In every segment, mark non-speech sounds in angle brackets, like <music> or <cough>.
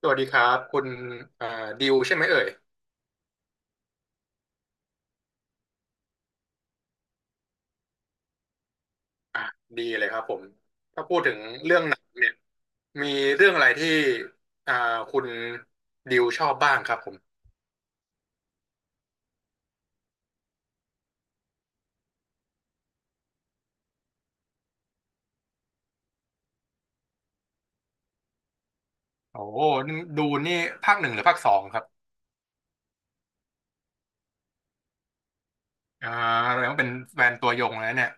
สวัสดีครับคุณเอ่อดิวใช่ไหมเอ่ยอ่ะดีเลยครับผมถ้าพูดถึงเรื่องหนังเนี่ยมีเรื่องอะไรที่อ่าคุณดิวชอบบ้างครับผมโอ้โหนี่ดูนี่ภาคหนึ่งหรือภาคสองครับอ่าแสดงว่าเป็นแฟนตัวยงแล้วเนี่ย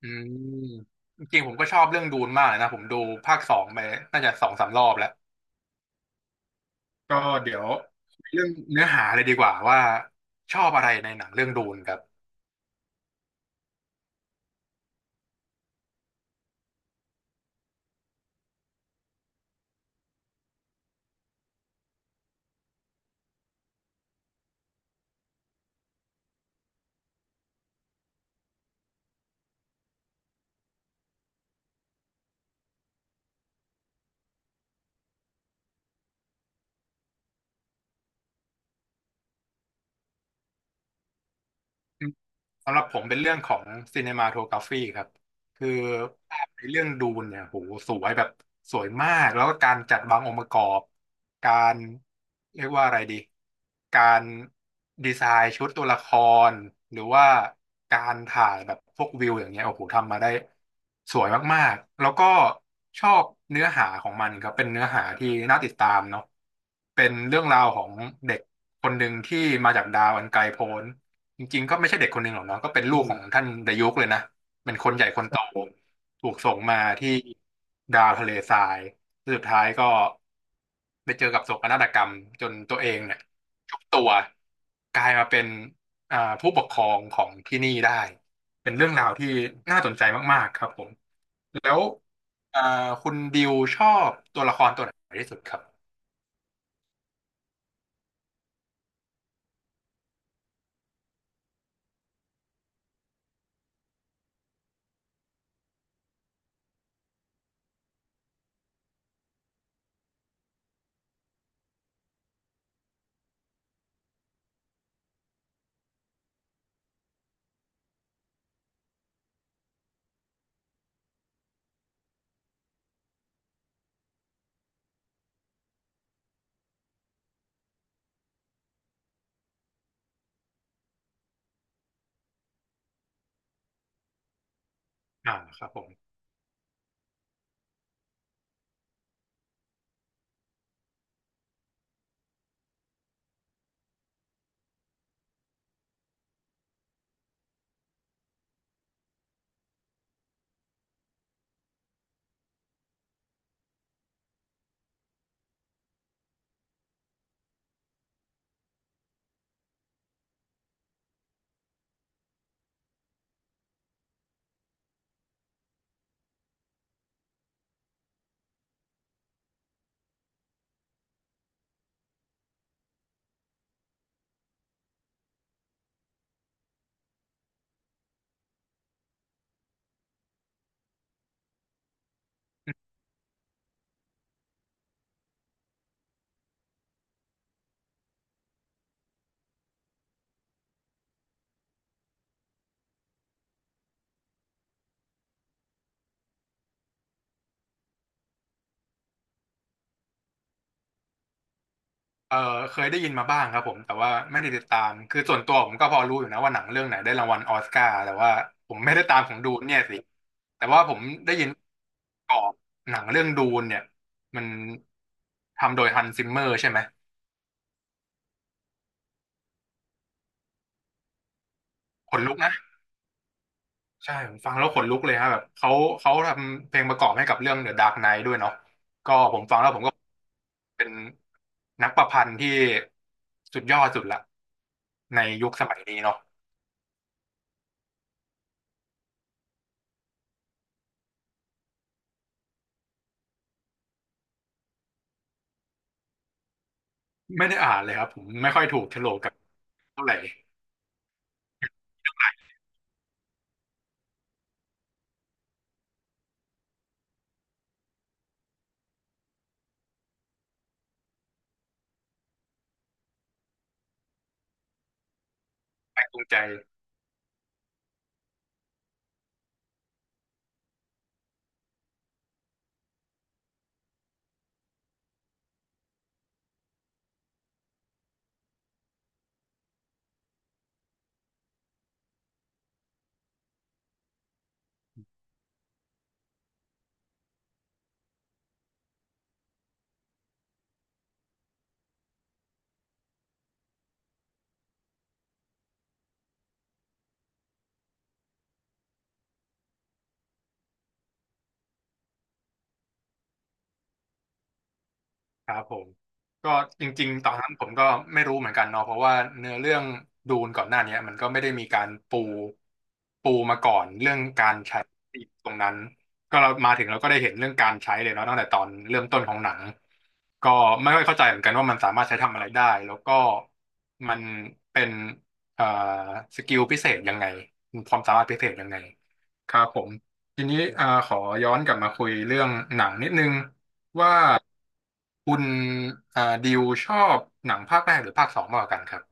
อืมจริงๆผมก็ชอบเรื่องดูนมากเลยนะผมดูภาคสองไปน่าจะสองสามรอบแล้วก็เดี๋ยวเรื่องเนื้อหาเลยดีกว่าว่าชอบอะไรในหนังเรื่องดูนครับ สำหรับผมเป็นเรื่องของซีเนมาโทกราฟีครับคือภาพในเรื่องดูนเนี่ยโหสวยแบบสวยมากแล้วก็การจัดวางองค์ประกอบการเรียกว่าอะไรดีการดีไซน์ชุดตัวละครหรือว่าการถ่ายแบบพวกวิวอย่างเงี้ยโอ้โหทำมาได้สวยมากๆแล้วก็ชอบเนื้อหาของมันครับเป็นเนื้อหาที่น่าติดตามเนาะเป็นเรื่องราวของเด็กคนหนึ่งที่มาจากดาวอันไกลโพ้น จริงๆก็ไม่ใช่เด็กคนหนึ่งหรอกเนาะก็เป็นลูกของท่านดายุกเลยนะเป็นคนใหญ่คนโตถูกส่งมาที่ดาวทะเลทรายแล้วสุดท้ายก็ไปเจอกับโศกนาฏกรรมจนตัวเองเนี่ยยุบตัวกลายมาเป็นผู้ปกครองของที่นี่ได้เป็นเรื่องราวที่น่าสนใจมากๆครับผมแล้วอ่าคุณดิวชอบตัวละครตัวไหนที่สุดครับอ่าครับผม เออเคยได้ยินมาบ้างครับผมแต่ว่าไม่ได้ติดตามคือส่วนตัวผมก็พอรู้อยู่นะว่าหนังเรื่องไหนได้รางวัลออสการ์แต่ว่าผมไม่ได้ตามของดูนเนี่ยสิแต่ว่าผมได้ยินกรอบหนังเรื่องดูนเนี่ยมันทำโดยฮันซิมเมอร์ใช่ไหมขนลุกนะใช่ผมฟังแล้วขนลุกเลยฮะแบบเขาเขาทำเพลงประกอบให้กับเรื่อง The Dark Knight ด้วยเนาะก็ผมฟังแล้วผมก็เป็นนักประพันธ์ที่สุดยอดสุดละในยุคสมัยนี้เนาะไม่ได้อ่านเลยครับผมไม่ค่อยถูกโฉลกกับ เท่าไหร่แปลกจูงใจครับผมก็จริงๆตอนนั้นผมก็ไม่รู้เหมือนกันเนาะเพราะว่าเนื้อเรื่องดูนก่อนหน้าเนี้ยมันก็ไม่ได้มีการปูปูมาก่อนเรื่องการใช้ตรงนั้นก็เรามาถึงเราก็ได้เห็นเรื่องการใช้เลยเนาะตั้งแต่ตอนเริ่มต้นของหนัง ก็ไม่ค่อยเข้าใจเหมือนกันว่ามันสามารถใช้ทำอะไรได้แล้วก็มันเป็นเอ่อสกิลพิเศษยังไงความสามารถพิเศษยังไงครับผมทีนี้ขอย้อนกลับมาคุยเรื่องหนังนิดนึงว่าคุณดิวชอบหนังภาคแรกหรือภาคสองมากกว่ากันครับ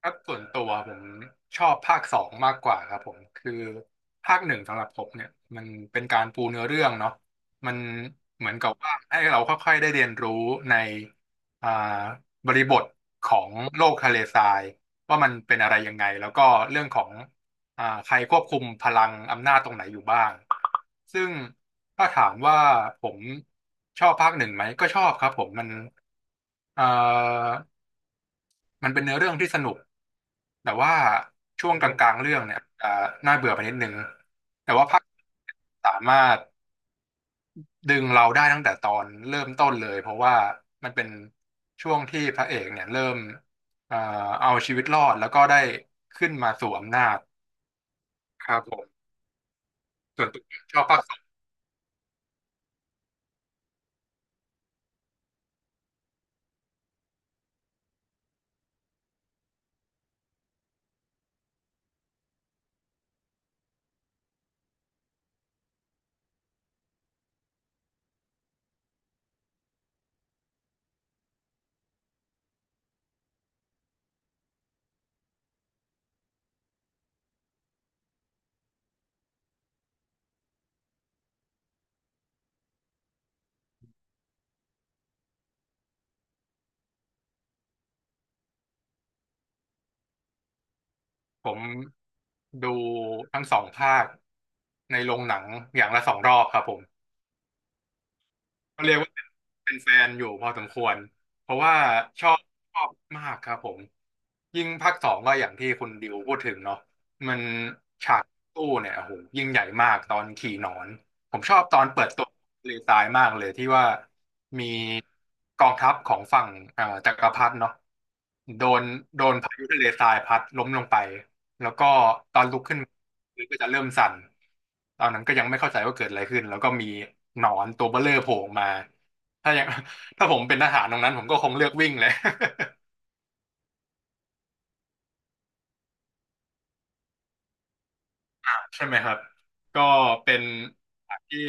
ครับส่วนตัวผมชอบภาคสองมากกว่าครับผมคือภาคหนึ่งสำหรับผมเนี่ยมันเป็นการปูเนื้อเรื่องเนาะมันเหมือนกับว่าให้เราค่อยๆได้เรียนรู้ในอ่าบริบทของโลกทะเลทรายว่ามันเป็นอะไรยังไงแล้วก็เรื่องของใครควบคุมพลังอำนาจตรงไหนอยู่บ้างซึ่งถ้าถามว่าผมชอบภาคหนึ่งไหมก็ชอบครับผมมันเอ่อมันเป็นเนื้อเรื่องที่สนุก แต่ว่าช่วงกลางๆเรื่องเนี่ยจะน่าเบื่อไปนิดนึงแต่ว่าภาคสามารถดึงเราได้ตั้งแต่ตอนเริ่มต้นเลยเพราะว่ามันเป็นช่วงที่พระเอกเนี่ยเริ่มเอ่อเอาชีวิตรอดแล้วก็ได้ขึ้นมาสวมอำนาจครับผมส่วนตัวชอบภาคสองผมดูทั้งสองภาคในโรงหนังอย่างละสองรอบครับผม ก็เรียกว่าเป็นเป็นแฟนอยู่พอสมควรเพราะว่าชอบชอบมากครับผมยิ่งภาคสองก็อย่างที่คุณดิวพูดถึงเนาะมันฉากตู้เนี่ยโอ้โหยิ่งใหญ่มากตอนขี่หนอนผมชอบตอนเปิดตัวเลทายมากเลยที่ว่ามีกองทัพของฝั่งจักรพรรดิเนาะโดนโดนพายุทะเลทรายพัดล้มลงไป แล้วก็ตอนลุกขึ้นมือก็จะเริ่มสั่นตอนนั้นก็ยังไม่เข้าใจว่าเกิดอะไรขึ้นแล้วก็มีหนอนตัวเบ้อเร่อโผล่ออกมาถ้ายัง <laughs> ถ้าผมเป็นทหารตรงนั้นผมก็คงเลือกวิ่งเลย <laughs> ใช่ไหมครับก็เป็นฉากที่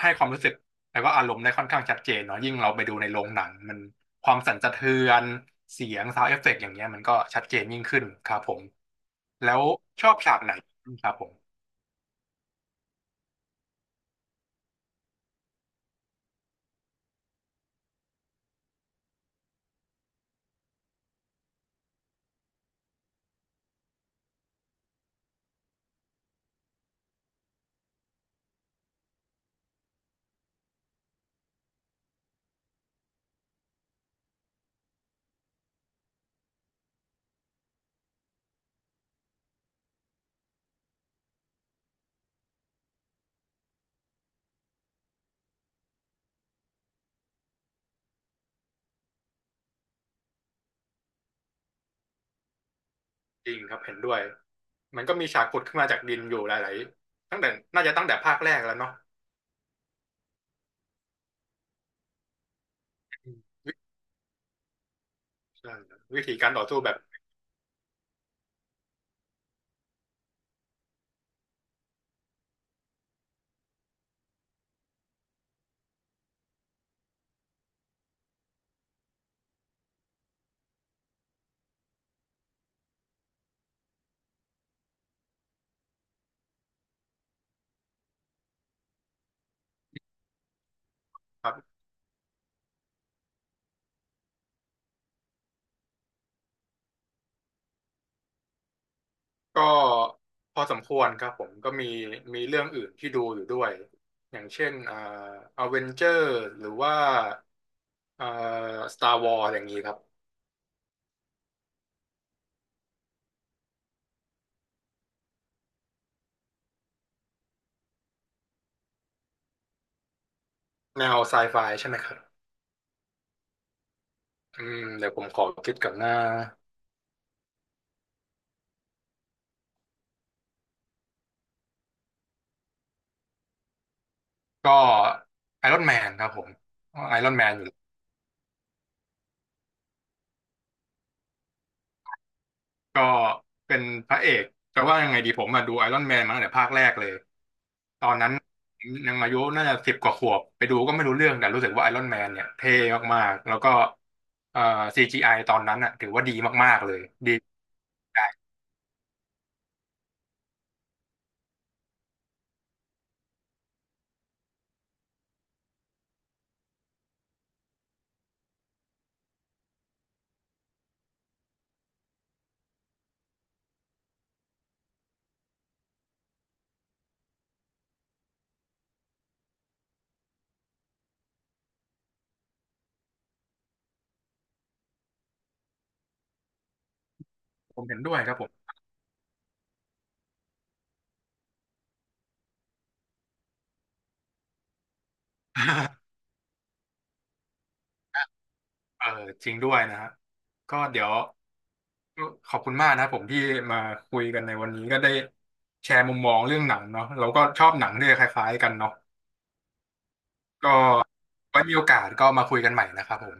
ให้ความรู้สึกแล้วก็อารมณ์ได้ค่อนข้างชัดเจนเนาะยิ่งเราไปดูในโรงหนังมันความสั่นสะเทือนเสียงซาวด์เอฟเฟกต์อย่างเงี้ยมันก็ชัดเจนยิ่งขึ้นครับผมแล้วชอบฉากไหนครับผม จริงครับเห็นด้วย มันก็มีฉากขุดขึ้นมาจากดินอยู่หลายๆตั้งแต่น่าจะตั้งแต่ภาคแรกแล้วเนาะอืมใช่วิธีการต่อสู้แบบครับก็พอสมควรครับผมก็มีมีเรื่องอื่นที่ดูอยู่ด้วยอย่างเช่นอเวนเจอร์หรือว่าเอ่อสตาร์วอร์อย่างนี้ครับแนวไซไฟใช่ไหมครับอืมเดี๋ยวผมขอคิดกับหน้าก็ไอรอนแมนครับผมไอรอนแมนอยู่ ก็เป็นพระเอกแต่ว่ายังไงดีผมมาดูไอรอนแมนมาตั้งแต่ภาคแรกเลยนางมายุน่าจะสิบกว่าขวบไปดูก็ไม่รู้เรื่องแต่รู้สึกว่าไอรอนแมนเนี่ยเท่มากๆแล้วก็เอ่อ CGI ตอนนั้นอ่ะถือว่าดีมากๆเลยดีผมเห็นด้วยครับผม <laughs> เออจริงด้วยนะฮะก็เดี๋ยวขอบคุณมากนะครับผมที่มาคุยกันในวันนี้ก็ได้แชร์มุมมองเรื่องหนังเนาะเราก็ชอบหนังด้วยคล้ายๆกันเนาะก็ไว้มีโอกาสก็มาคุยกันใหม่นะครับผม